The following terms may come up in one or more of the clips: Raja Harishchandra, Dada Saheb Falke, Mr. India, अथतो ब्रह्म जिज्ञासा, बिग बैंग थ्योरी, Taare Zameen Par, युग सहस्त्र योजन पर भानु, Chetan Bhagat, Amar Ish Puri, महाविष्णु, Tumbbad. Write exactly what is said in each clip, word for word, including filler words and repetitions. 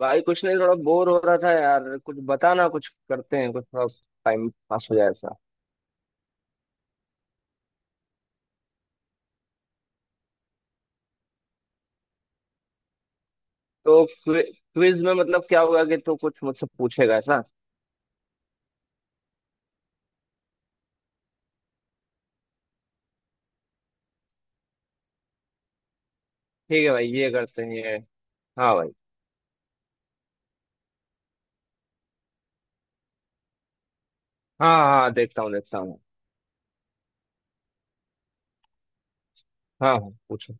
भाई कुछ नहीं थोड़ा बोर हो रहा था यार कुछ बताना कुछ करते हैं कुछ थोड़ा टाइम पास हो जाए ऐसा। तो क्विज में मतलब क्या होगा कि तू कुछ मुझसे पूछेगा ऐसा? ठीक है भाई ये करते हैं ये। हाँ भाई। हाँ हाँ देखता हूँ देखता हूँ। हाँ हाँ पूछो।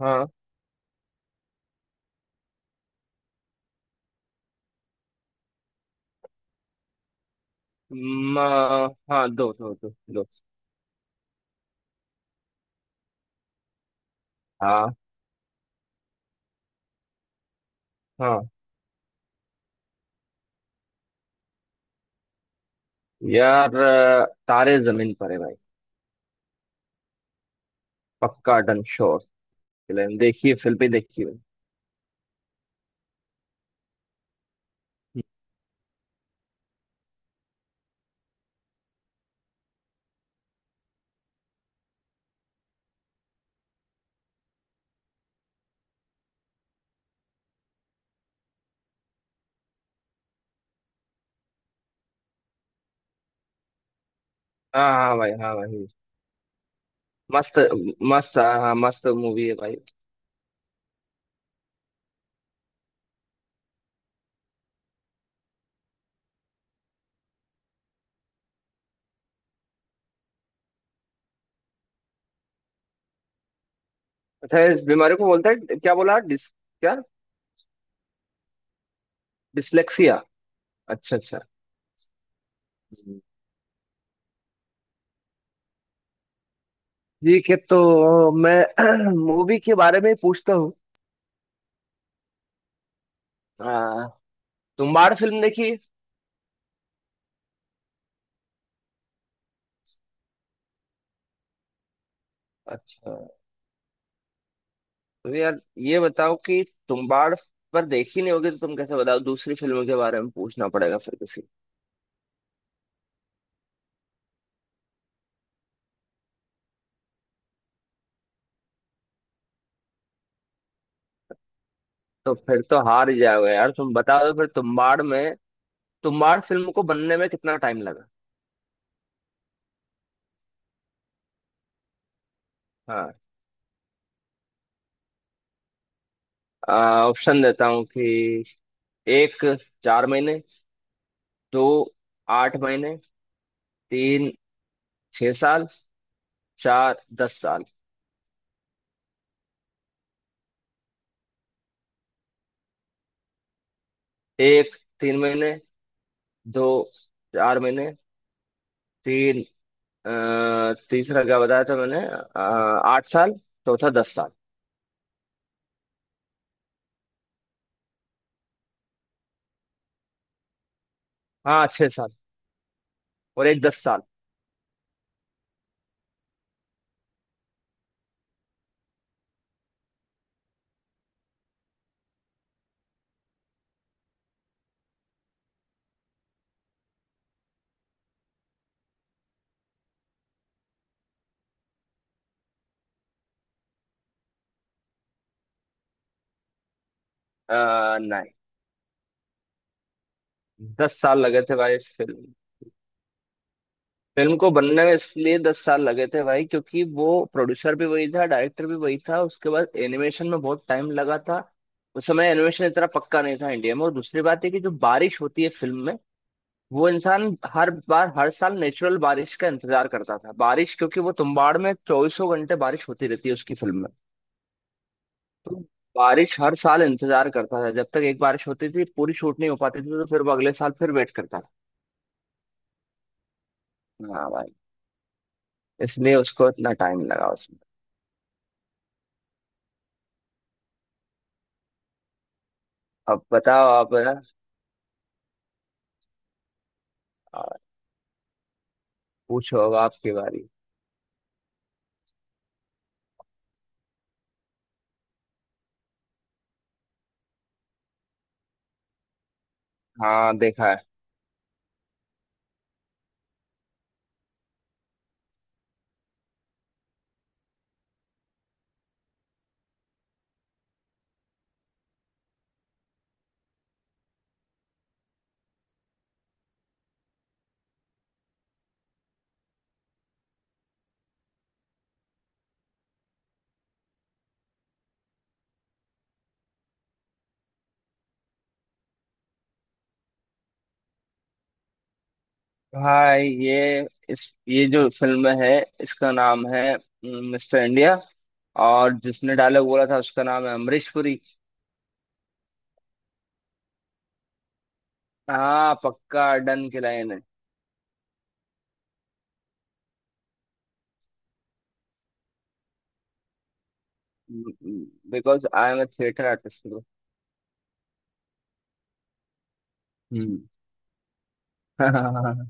हाँ म, हाँ दो दो दो दो। हाँ हाँ यार अ, तारे जमीन पर है भाई। पक्का डन श्योर। फिल्म देखिए फिल्म भी देखिए भाई। हाँ हाँ भाई हाँ भाई। मस्त। मस्त हाँ हाँ, मस्त मूवी है भाई। अच्छा इस बीमारी को बोलते हैं क्या बोला? डिस क्या? डिसलेक्सिया। अच्छा अच्छा। हम्म। ठीक है। तो मैं मूवी के बारे में ही पूछता हूँ। आ, तुम्बाड़ फिल्म देखी? अच्छा। तो यार ये बताओ कि तुम्बाड़ पर देखी नहीं होगी तो तुम कैसे बताओ? दूसरी फिल्मों के बारे में पूछना पड़ेगा फिर किसी। तो फिर तो हार ही जाओगे यार। तुम बता दो फिर तुम्बाड़ में तुम्बाड़ फिल्म को बनने में कितना टाइम लगा? हाँ ऑप्शन देता हूँ कि एक, चार महीने। दो, आठ महीने। तीन, छह साल। चार, दस साल। एक, तीन महीने। दो, चार महीने। तीन, अ, तीसरा क्या बताया था मैंने? अ, आठ साल। चौथा, दस साल। हाँ छह साल। और एक दस साल। अ, नहीं। दस साल लगे थे भाई इस फिल्म। फिल्म को बनने में इसलिए दस साल लगे थे भाई क्योंकि वो प्रोड्यूसर भी वही था, डायरेक्टर भी वही था, उसके बाद एनिमेशन में बहुत टाइम लगा था। उस समय एनिमेशन इतना पक्का नहीं था इंडिया में, और दूसरी बात है कि जो बारिश होती है फिल्म में वो इंसान हर बार हर साल नेचुरल बारिश का इंतजार करता था। बारिश क्योंकि वो तुम्बाड़ में चौबीसों घंटे बारिश होती रहती है उसकी फिल्म में। तो बारिश हर साल इंतजार करता था, जब तक एक बारिश होती थी पूरी शूट नहीं हो पाती थी, तो फिर वो अगले साल फिर वेट करता था। हाँ भाई। इसलिए उसको इतना टाइम लगा उसमें। अब बताओ आप। आ, पूछो, अब आपकी बारी। हाँ देखा है भाई। ये इस ये जो फिल्म है इसका नाम है मिस्टर इंडिया, और जिसने डायलॉग बोला था उसका नाम है अमरीश पुरी। हाँ पक्का डन की लाइन है। Because I am a theatre artist bro. हम्म।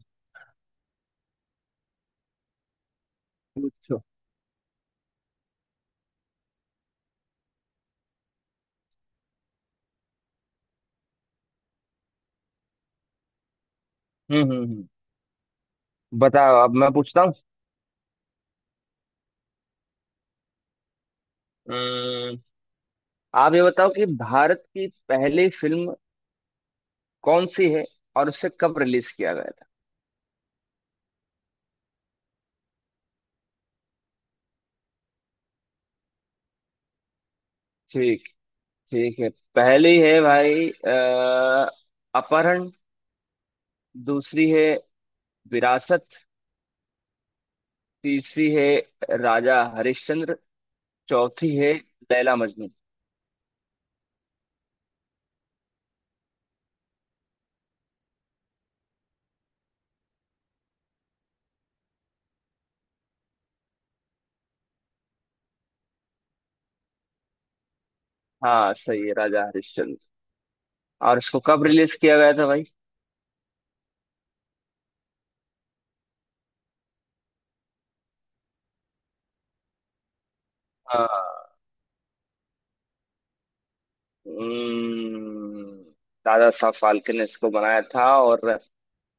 पूछो। हम्म हम्म हम्म। बताओ, अब मैं पूछता हूँ। हम्म, आप ये बताओ कि भारत की पहली फिल्म कौन सी है, और उसे कब रिलीज किया गया था? ठीक, ठीक है। पहली है भाई अ, अपहरण। दूसरी है विरासत। तीसरी है राजा हरिश्चंद्र। चौथी है लैला मजनू। हाँ सही है, राजा हरिश्चंद्र। और इसको कब रिलीज किया गया था भाई? हाँ। हम्म, दादा साहब फाल्के ने इसको बनाया था, और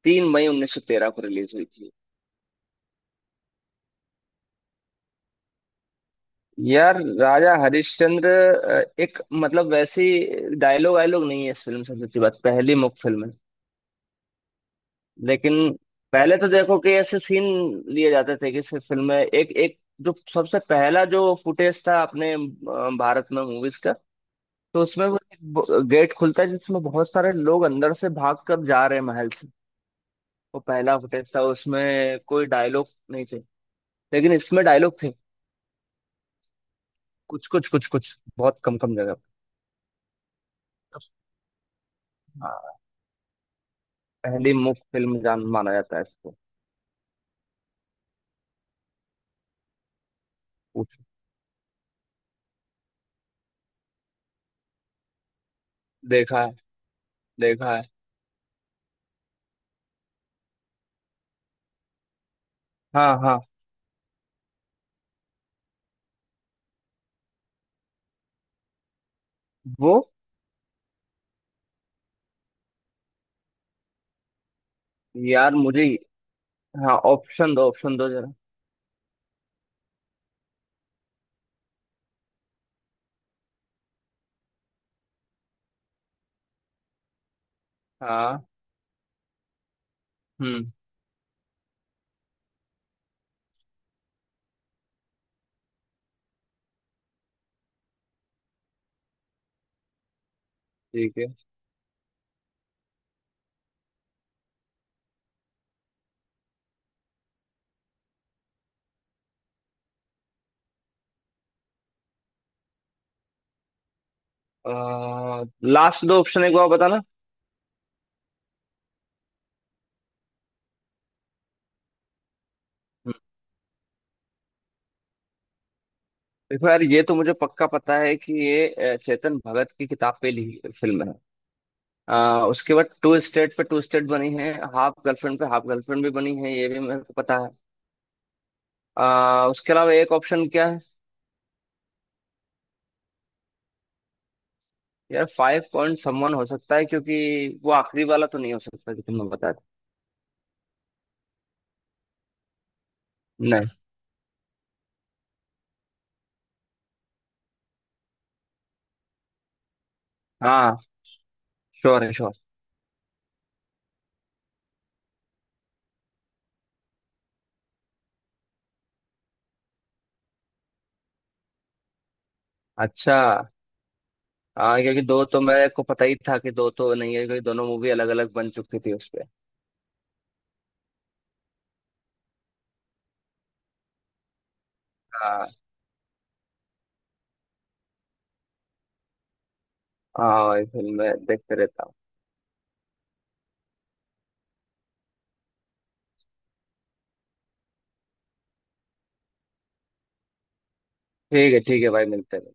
तीन मई 1913 को रिलीज हुई थी। यार राजा हरिश्चंद्र, अ, एक मतलब वैसी डायलॉग वायलॉग नहीं है इस फिल्म से। सच्ची बात, पहली मुख फिल्म है। लेकिन पहले तो देखो कि ऐसे सीन लिए जाते थे कि सिर्फ फिल्म में एक एक, जो सबसे पहला जो फुटेज था अपने अ, भारत में मूवीज। तो उसमें वो एक गेट खुलता है जिसमें बहुत सारे लोग अंदर से भाग कर जा रहे हैं महल से। वो पहला फुटेज था, उसमें कोई डायलॉग नहीं थे। लेकिन इसमें डायलॉग थे। कुछ कुछ कुछ कुछ बहुत कम कम जगह पे। हाँ, पहली मुख फिल्म जान माना जाता है इसको। पूछ। देखा है। देखा है। हाँ हाँ वो। यार मुझे। हाँ ऑप्शन दो, ऑप्शन दो जरा। हाँ। हम्म। ठीक है। आ, लास्ट दो ऑप्शन एक बार बताना। देखो यार, ये तो मुझे पक्का पता है कि ये अ, चेतन भगत की किताब पे ली फिल्म है। अ, उसके बाद टू स्टेट पे टू स्टेट बनी है, हाफ गर्लफ्रेंड पे हाफ गर्लफ्रेंड भी बनी है, ये भी मेरे को पता है। अ, उसके अलावा एक ऑप्शन क्या है? यार फाइव पॉइंट समवन हो सकता है, क्योंकि वो आखिरी वाला तो नहीं हो सकता जो तुमने बताया था। नहीं। हाँ श्योर है, श्योर। अच्छा। हाँ क्योंकि दो तो मेरे को पता ही था कि दो तो नहीं है, क्योंकि दोनों मूवी अलग अलग बन चुकी थी उस पे। हाँ हाँ ये फिल्म मैं देखते रहता हूँ। ठीक है, ठीक है भाई, मिलते हैं।